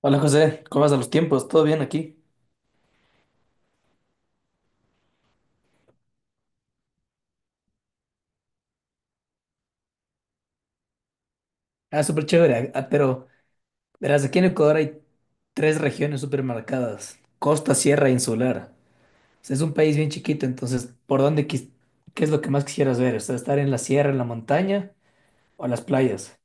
Hola José, ¿cómo vas a los tiempos? ¿Todo bien aquí? Ah, súper chévere, pero verás, aquí en Ecuador hay tres regiones súper marcadas: costa, sierra e insular. O sea, es un país bien chiquito, entonces, ¿qué es lo que más quisieras ver? O sea, estar en la sierra, en la montaña o en las playas.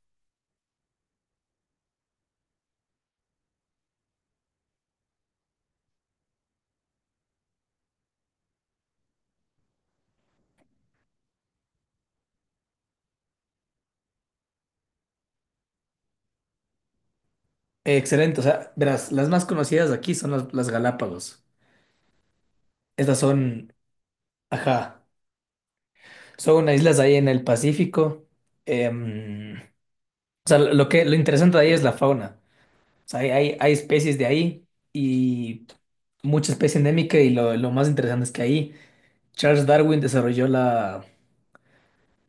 Excelente, o sea, verás, las más conocidas aquí son las Galápagos. Estas son, ajá, son unas islas ahí en el Pacífico. Em, o sea, lo interesante de ahí es la fauna. O sea, hay especies de ahí y mucha especie endémica, y lo más interesante es que ahí Charles Darwin desarrolló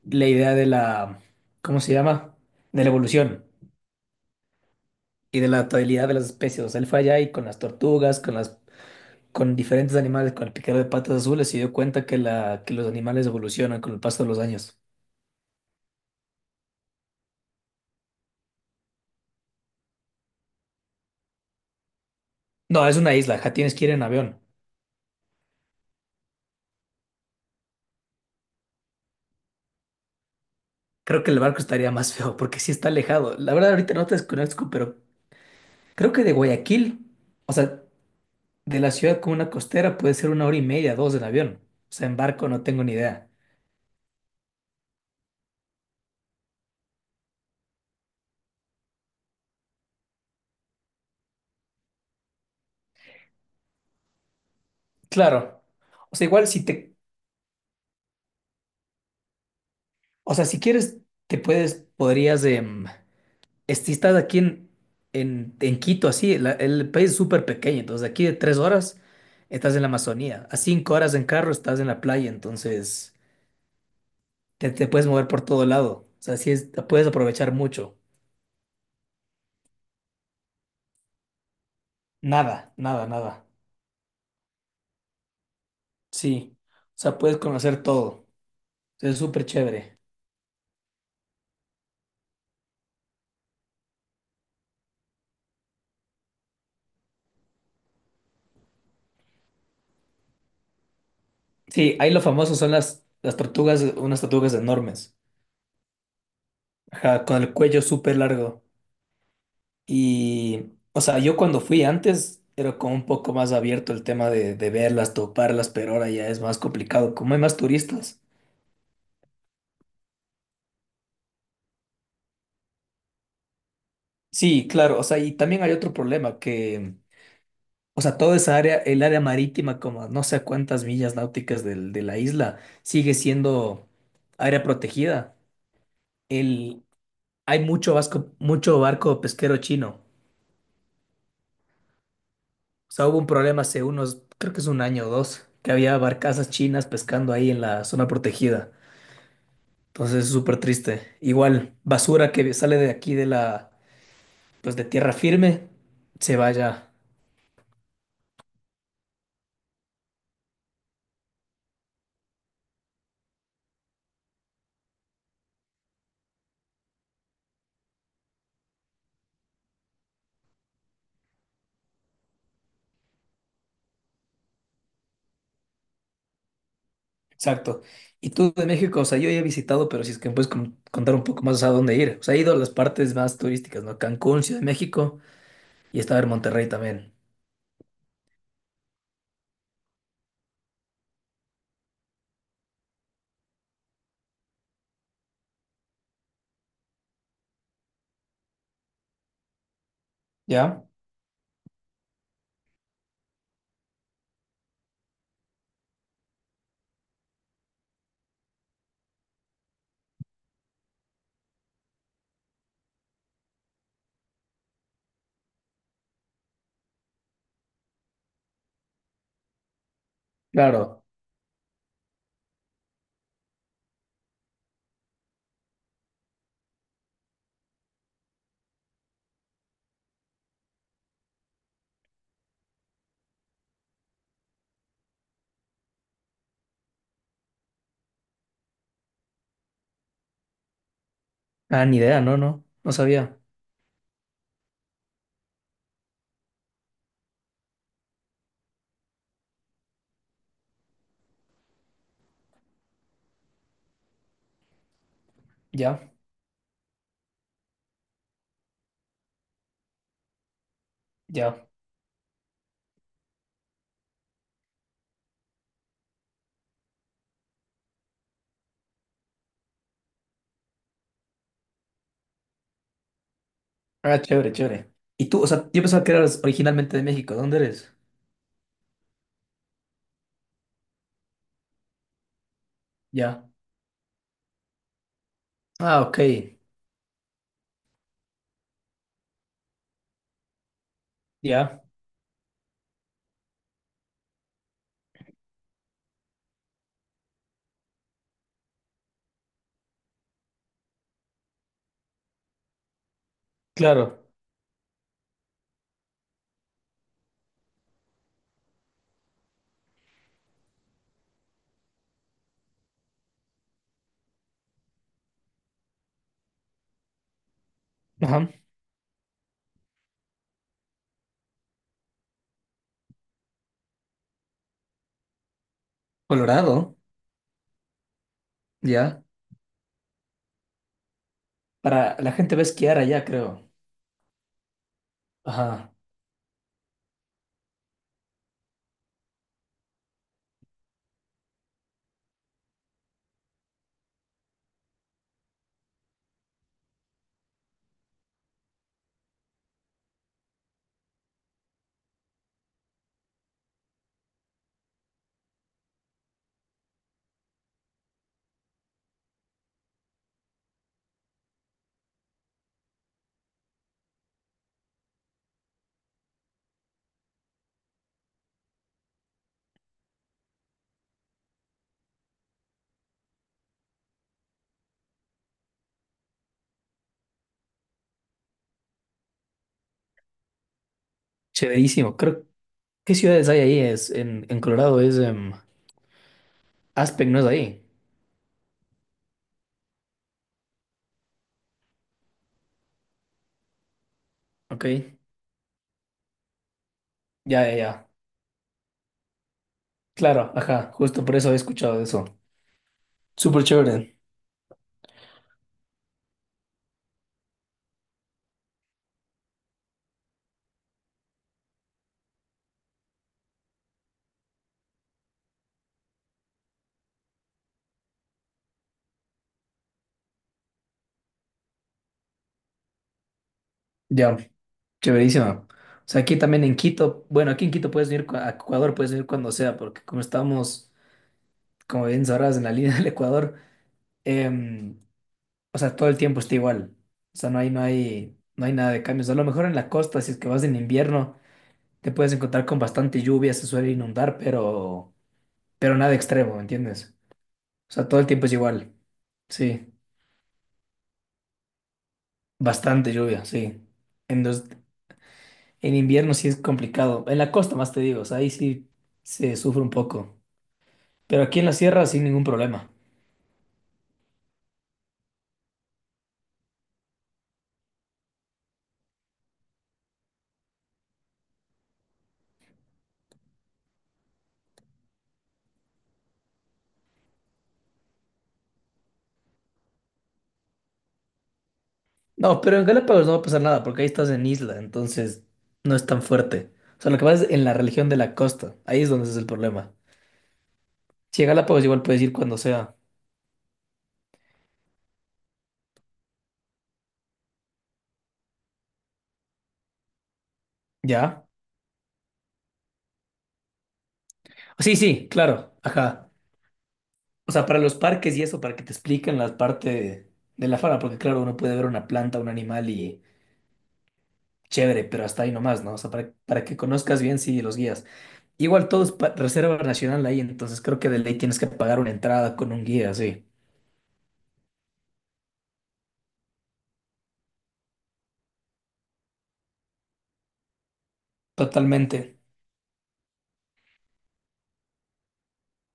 la idea de la, ¿cómo se llama? De la evolución y de la adaptabilidad de las especies. O sea, él fue allá y con las tortugas, con diferentes animales, con el piquero de patas azules, se dio cuenta que los animales evolucionan con el paso de los años. No, es una isla, ja, tienes que ir en avión. Creo que el barco estaría más feo porque sí está alejado. La verdad ahorita no te desconozco, pero creo que de Guayaquil, o sea... De la ciudad como una costera puede ser una hora y media, dos en avión. O sea, en barco no tengo ni idea. Claro. O sea, igual si te, o sea, si quieres, podrías, si estás aquí en Quito, así, el país es súper pequeño, entonces de aquí de tres horas estás en la Amazonía, a cinco horas en carro estás en la playa, entonces te puedes mover por todo lado. O sea, sí es, puedes aprovechar mucho. Nada, nada, nada. Sí. O sea, puedes conocer todo. Es súper chévere. Sí, ahí lo famoso son las tortugas, unas tortugas enormes, ajá, con el cuello súper largo. Y, o sea, yo cuando fui antes era como un poco más abierto el tema de verlas, toparlas, pero ahora ya es más complicado, como hay más turistas. Sí, claro, o sea, y también hay otro problema o sea, toda esa área, el área marítima, como a no sé a cuántas millas náuticas de la isla, sigue siendo área protegida. El, Hay mucho vasco, mucho barco pesquero chino. O sea, hubo un problema hace unos, creo que es un año o dos, que había barcazas chinas pescando ahí en la zona protegida. Entonces es súper triste. Igual, basura que sale de aquí pues de tierra firme, se vaya. Exacto. Y tú de México, o sea, yo ya he visitado, pero si es que me puedes contar un poco más a dónde ir. O sea, he ido a las partes más turísticas, ¿no? Cancún, Ciudad de México y estaba en Monterrey también. ¿Ya? Claro. Ah, ni idea, no, no, no sabía. Ya, ya. Ah, chévere, chévere. Y tú, o sea, yo pensaba que eras originalmente de México. ¿Dónde eres? Ya. Ah, ok. Ya, claro. Ajá. Colorado, ya. Para la gente va a esquiar allá, creo. Ajá. Chéverísimo. Creo, ¿qué ciudades hay ahí? Es en Colorado es Aspen, ¿no es ahí? Ok. Ya. Claro, ajá. Justo por eso he escuchado de eso. Súper chévere. Ya, chéverísimo. O sea, aquí también en Quito, bueno, aquí en Quito puedes venir a Ecuador, puedes venir cuando sea, porque como estamos, como bien sabrás, en la línea del Ecuador, em, o sea, todo el tiempo está igual. O sea, no hay nada de cambios. A lo mejor en la costa, si es que vas en invierno, te puedes encontrar con bastante lluvia, se suele inundar, pero nada extremo, ¿me entiendes? O sea, todo el tiempo es igual. Sí, bastante lluvia, sí. En, los- en invierno sí es complicado. En la costa más te digo, o sea, ahí sí se sufre un poco. Pero aquí en la sierra sin ningún problema. No, pero en Galápagos no va a pasar nada porque ahí estás en isla, entonces no es tan fuerte. O sea, lo que pasa es en la religión de la costa, ahí es donde es el problema. Si a Galápagos igual puedes ir cuando sea. ¿Ya? Sí, sí, claro, ajá. O sea, para los parques y eso, para que te expliquen la parte de la fauna, porque claro, uno puede ver una planta, un animal y chévere, pero hasta ahí nomás, ¿no? O sea, para que conozcas bien, sí, los guías. Igual todo es reserva nacional ahí, entonces creo que de ley tienes que pagar una entrada con un guía, sí. Totalmente.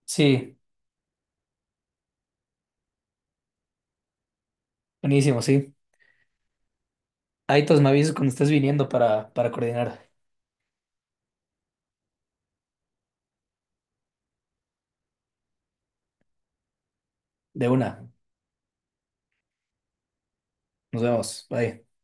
Sí, buenísimo, sí. Ahí todos me avisas cuando estés viniendo para coordinar. De una. Nos vemos. Bye.